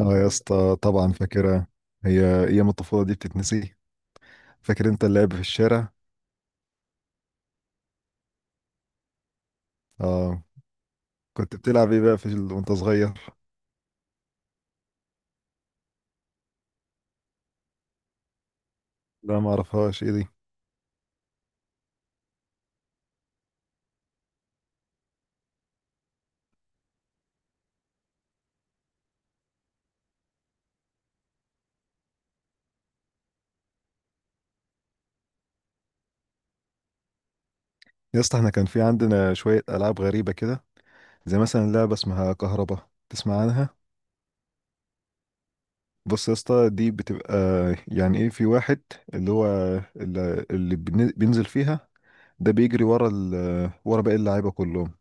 اه، يا اسطى، طبعا فاكرها. هي ايام الطفولة دي بتتنسي. فاكر انت اللعب في الشارع؟ اه. كنت بتلعب ايه بقى وانت صغير؟ لا، ما اعرفهاش. ايه دي؟ يا اسطى، احنا كان في عندنا شوية العاب غريبة كده، زي مثلا لعبة اسمها كهربا، تسمع عنها؟ بص يا اسطى، دي بتبقى، يعني ايه، في واحد، اللي هو، اللي بينزل فيها، ده بيجري ورا باقي اللعيبة كلهم.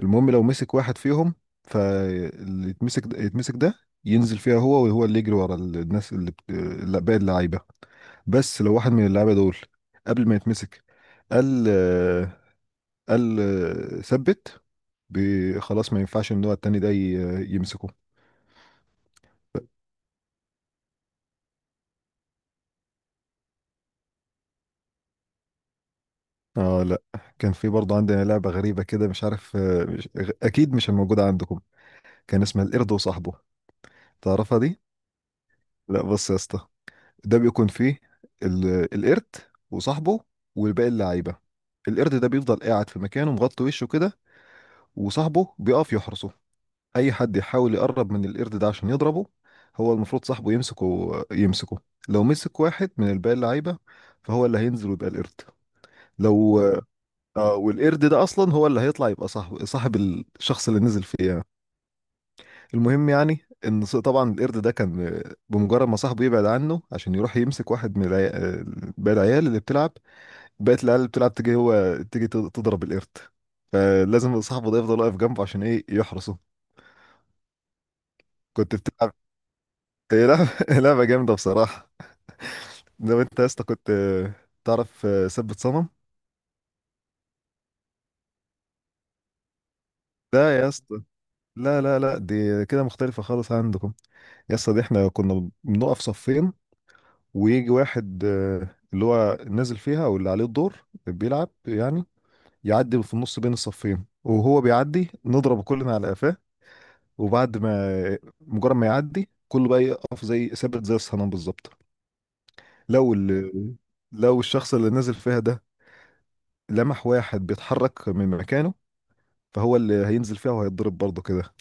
المهم لو مسك واحد فيهم، فاللي يتمسك ده ينزل فيها، هو وهو اللي يجري ورا الناس، اللي بت... لا، باقي اللعيبه. بس لو واحد من اللعيبه دول قبل ما يتمسك، قال آه، قال آه، ثبت، خلاص ما ينفعش ان هو التاني ده يمسكه. اه، لا. كان في برضه عندنا لعبة غريبة كده، مش عارف، آه، مش... غ- اكيد مش موجودة عندكم. كان اسمها القرد وصاحبه. تعرفها دي؟ لا، بص يا اسطى، ده بيكون فيه القرد، وصاحبه، والباقي اللعيبة. القرد ده بيفضل قاعد في مكانه، مغطي وشه كده، وصاحبه بيقف يحرسه. أي حد يحاول يقرب من القرد ده عشان يضربه، هو المفروض صاحبه يمسكه. لو مسك واحد من الباقي اللعيبة، فهو اللي هينزل ويبقى القرد. لو آه، والقرد ده أصلا هو اللي هيطلع يبقى صاحب الشخص اللي نزل فيه يعني. المهم يعني ان طبعا القرد ده كان، بمجرد ما صاحبه يبعد عنه عشان يروح يمسك واحد من العيال، باقي العيال اللي بتلعب، بقت العيال اللي بتلعب تيجي، تضرب القرد، فلازم صاحبه ده يفضل واقف جنبه عشان ايه يحرسه. كنت بتلعب. هي لعبة لعبة جامدة بصراحة. لو انت يا اسطى كنت تعرف ثبت صنم. لا يا اسطى، لا لا لا، دي كده مختلفة خالص عندكم. يا اسطى، دي احنا كنا بنقف صفين، ويجي واحد، اللي هو نازل فيها او اللي عليه الدور بيلعب يعني، يعدي في النص بين الصفين، وهو بيعدي نضرب كلنا على قفاه، وبعد ما مجرد ما يعدي كله بقى يقف زي ثابت زي الصنم بالظبط. لو ال... لو الشخص اللي نازل فيها ده لمح واحد بيتحرك من مكانه، فهو اللي هينزل فيها وهيتضرب برضه كده.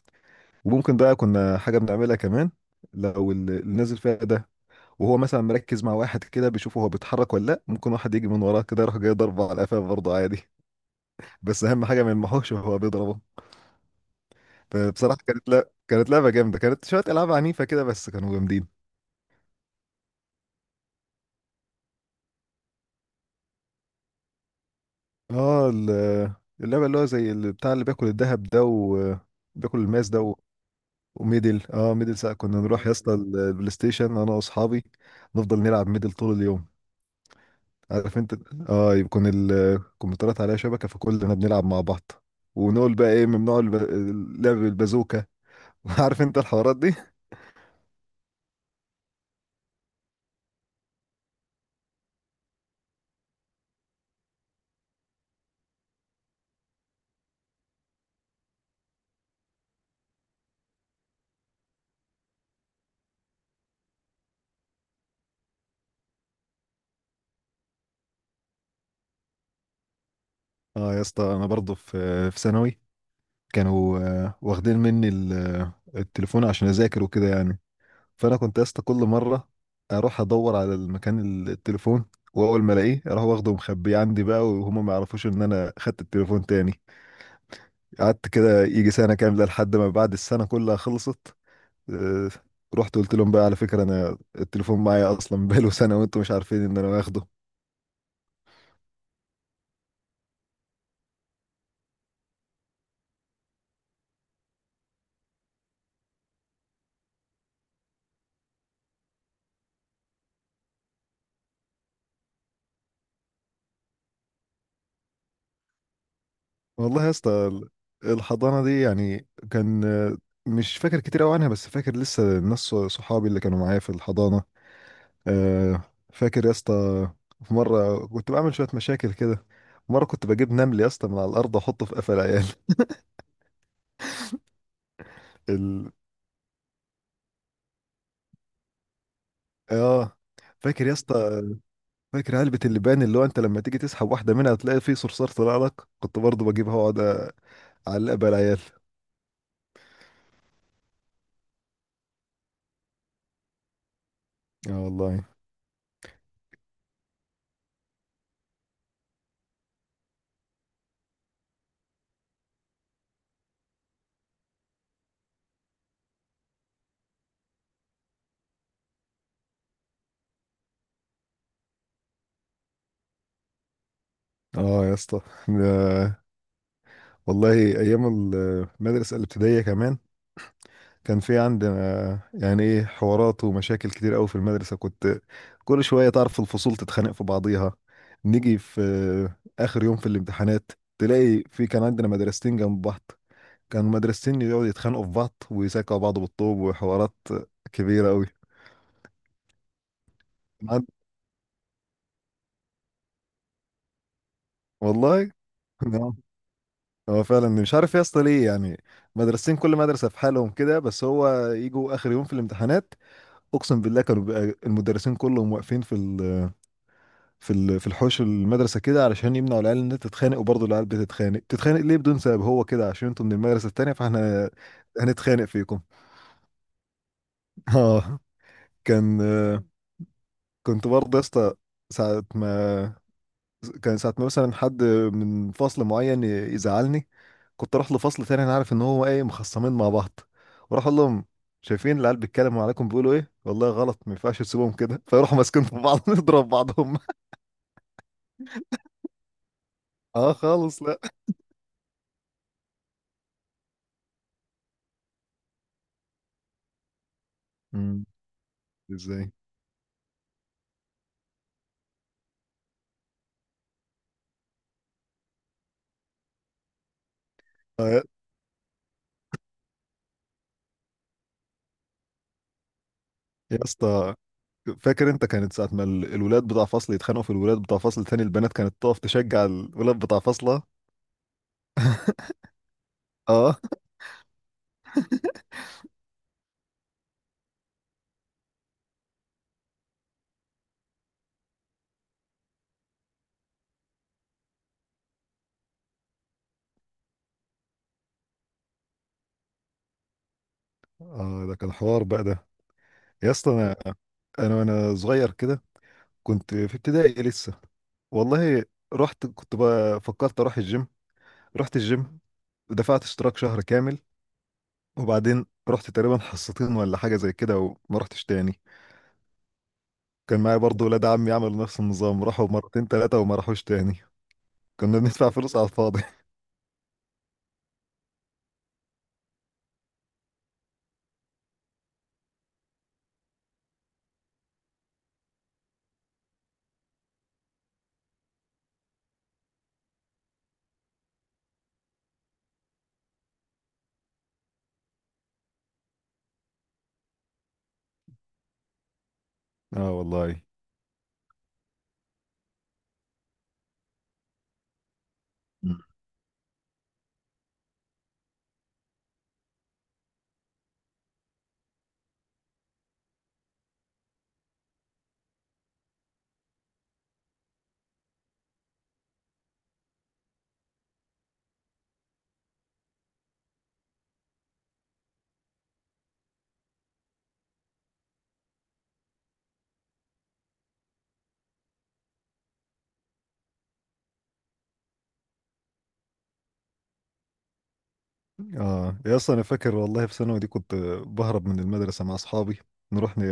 وممكن بقى كنا حاجة بنعملها كمان، لو اللي نازل فيها ده وهو مثلا مركز مع واحد كده بيشوفه هو بيتحرك ولا لا، ممكن واحد يجي من وراه كده يروح جاي ضربه على قفاه برضه عادي، بس اهم حاجه ما يلمحوش وهو بيضربه. فبصراحه، كانت لا كانت لعبه جامده، كانت شويه العاب عنيفه كده بس كانوا جامدين. اه، اللعبه اللي هو زي بتاع اللي بياكل الذهب ده وبياكل الماس ده وميدل. اه ميدل ساعة كنا نروح يا اسطى البلاي ستيشن انا واصحابي، نفضل نلعب ميدل طول اليوم. عارف انت. اه، يكون الكمبيوترات عليها شبكه، فكلنا بنلعب مع بعض، ونقول بقى ايه ممنوع لعب البازوكه. عارف انت الحوارات دي. اه يا اسطى، انا برضه في ثانوي كانوا، واخدين مني التليفون عشان اذاكر وكده يعني. فانا كنت يا اسطى كل مره اروح ادور على المكان التليفون، واول ما الاقيه اروح واخده ومخبيه عندي بقى، وهم ما يعرفوش ان انا خدت التليفون تاني. قعدت كده يجي سنه كامله، لحد ما بعد السنه كلها خلصت، آه، رحت قلت لهم بقى على فكرة انا التليفون معايا اصلا بقاله سنة وانتم مش عارفين ان انا واخده. والله يا اسطى، الحضانة دي يعني كان، مش فاكر كتير قوي عنها، بس فاكر لسه الناس، صحابي اللي كانوا معايا في الحضانة. آه، فاكر يا اسطى، في مرة كنت بعمل شوية مشاكل كده، مرة كنت بجيب نمل يا اسطى من على الأرض وأحطه في قفا العيال. ال... آه فاكر يا اسطى، فاكر علبة اللبان اللي هو أنت لما تيجي تسحب واحدة منها تلاقي فيه صرصار طلع لك، كنت برضه بجيبها وأقعد علق بقى العيال. اه والله. اه يا اسطى، ده- والله ايام المدرسه الابتدائيه كمان، كان في عندنا، يعني ايه، حوارات ومشاكل كتير قوي في المدرسه، كنت كل شويه، تعرف، الفصول تتخانق في بعضيها. نيجي في اخر يوم في الامتحانات، تلاقي في، كان عندنا مدرستين جنب بعض، كانوا مدرستين يقعدوا يتخانقوا في بعض ويساكوا بعض بالطوب وحوارات كبيره قوي. عن- والله. هو فعلا مش عارف يا اسطى ليه يعني، مدرستين كل مدرسة في حالهم كده، بس هو يجوا آخر يوم في الامتحانات، أقسم بالله كانوا بيبقى المدرسين كلهم واقفين في الحوش المدرسة كده علشان يمنعوا العيال إنها تتخانق، وبرضه العيال بتتخانق ليه بدون سبب، هو كده عشان انتوا من المدرسة التانية، فاحنا هنتخانق فيكم. اه. كان، كنت برضه يا اسطى، ساعة ما كان ساعة ما مثلا حد من فصل معين يزعلني، كنت اروح لفصل تاني، انا عارف ان هو ايه مخصمين مع بعض، واروح اقول لهم شايفين العيال بيتكلموا عليكم بيقولوا ايه، والله غلط ما ينفعش تسيبوهم كده، فيروحوا ماسكين في بعض نضرب بعضهم. اه، خالص، لا. مم. ازاي؟ آه يا يا اسطى، فاكر انت كانت ساعة ما الولاد بتاع فصل يتخانقوا في الولاد بتاع فصل تاني، البنات كانت تقف تشجع الولاد بتاع فصلها. اه. اه، ده كان حوار بقى ده. يا اسطى، انا وانا صغير كده، كنت في ابتدائي لسه، والله رحت، كنت بقى فكرت اروح الجيم، رحت الجيم، ودفعت اشتراك شهر كامل، وبعدين رحت تقريبا حصتين ولا حاجة زي كده وما رحتش تاني. كان معايا برضه ولاد عمي عملوا نفس النظام، راحوا مرتين تلاتة وما راحوش تاني. كنا بندفع فلوس على الفاضي. اه والله. مم. اه يا، اصلا انا فاكر والله في ثانوي دي كنت بهرب من المدرسة مع اصحابي، نروح ن...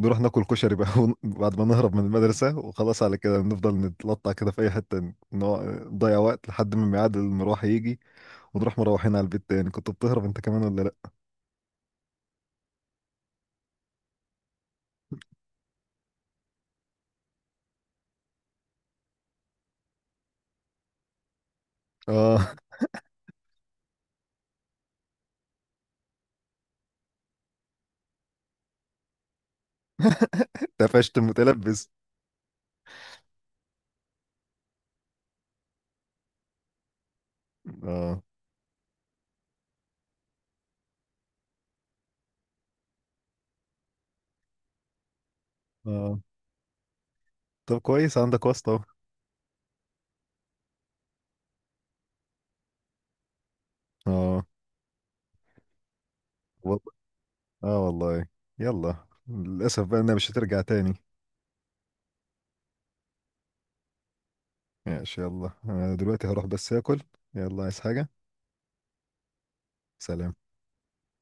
نروح ناكل كشري بقى، بعد ما نهرب من المدرسة وخلاص على كده نفضل نتلطع كده في أي حتة، نضيع وقت لحد ما ميعاد المروح يجي، ونروح مروحين على البيت تاني. كنت بتهرب انت كمان ولا لا؟ اه. اتقفشت متلبس. اه. اه، طب كويس عندك واسطة اهو. اه وال- اه والله. يلا، للأسف بقى انها مش هترجع تاني. ماشي، يلا، انا دلوقتي هروح بس اكل. يلا، عايز حاجة. سلام.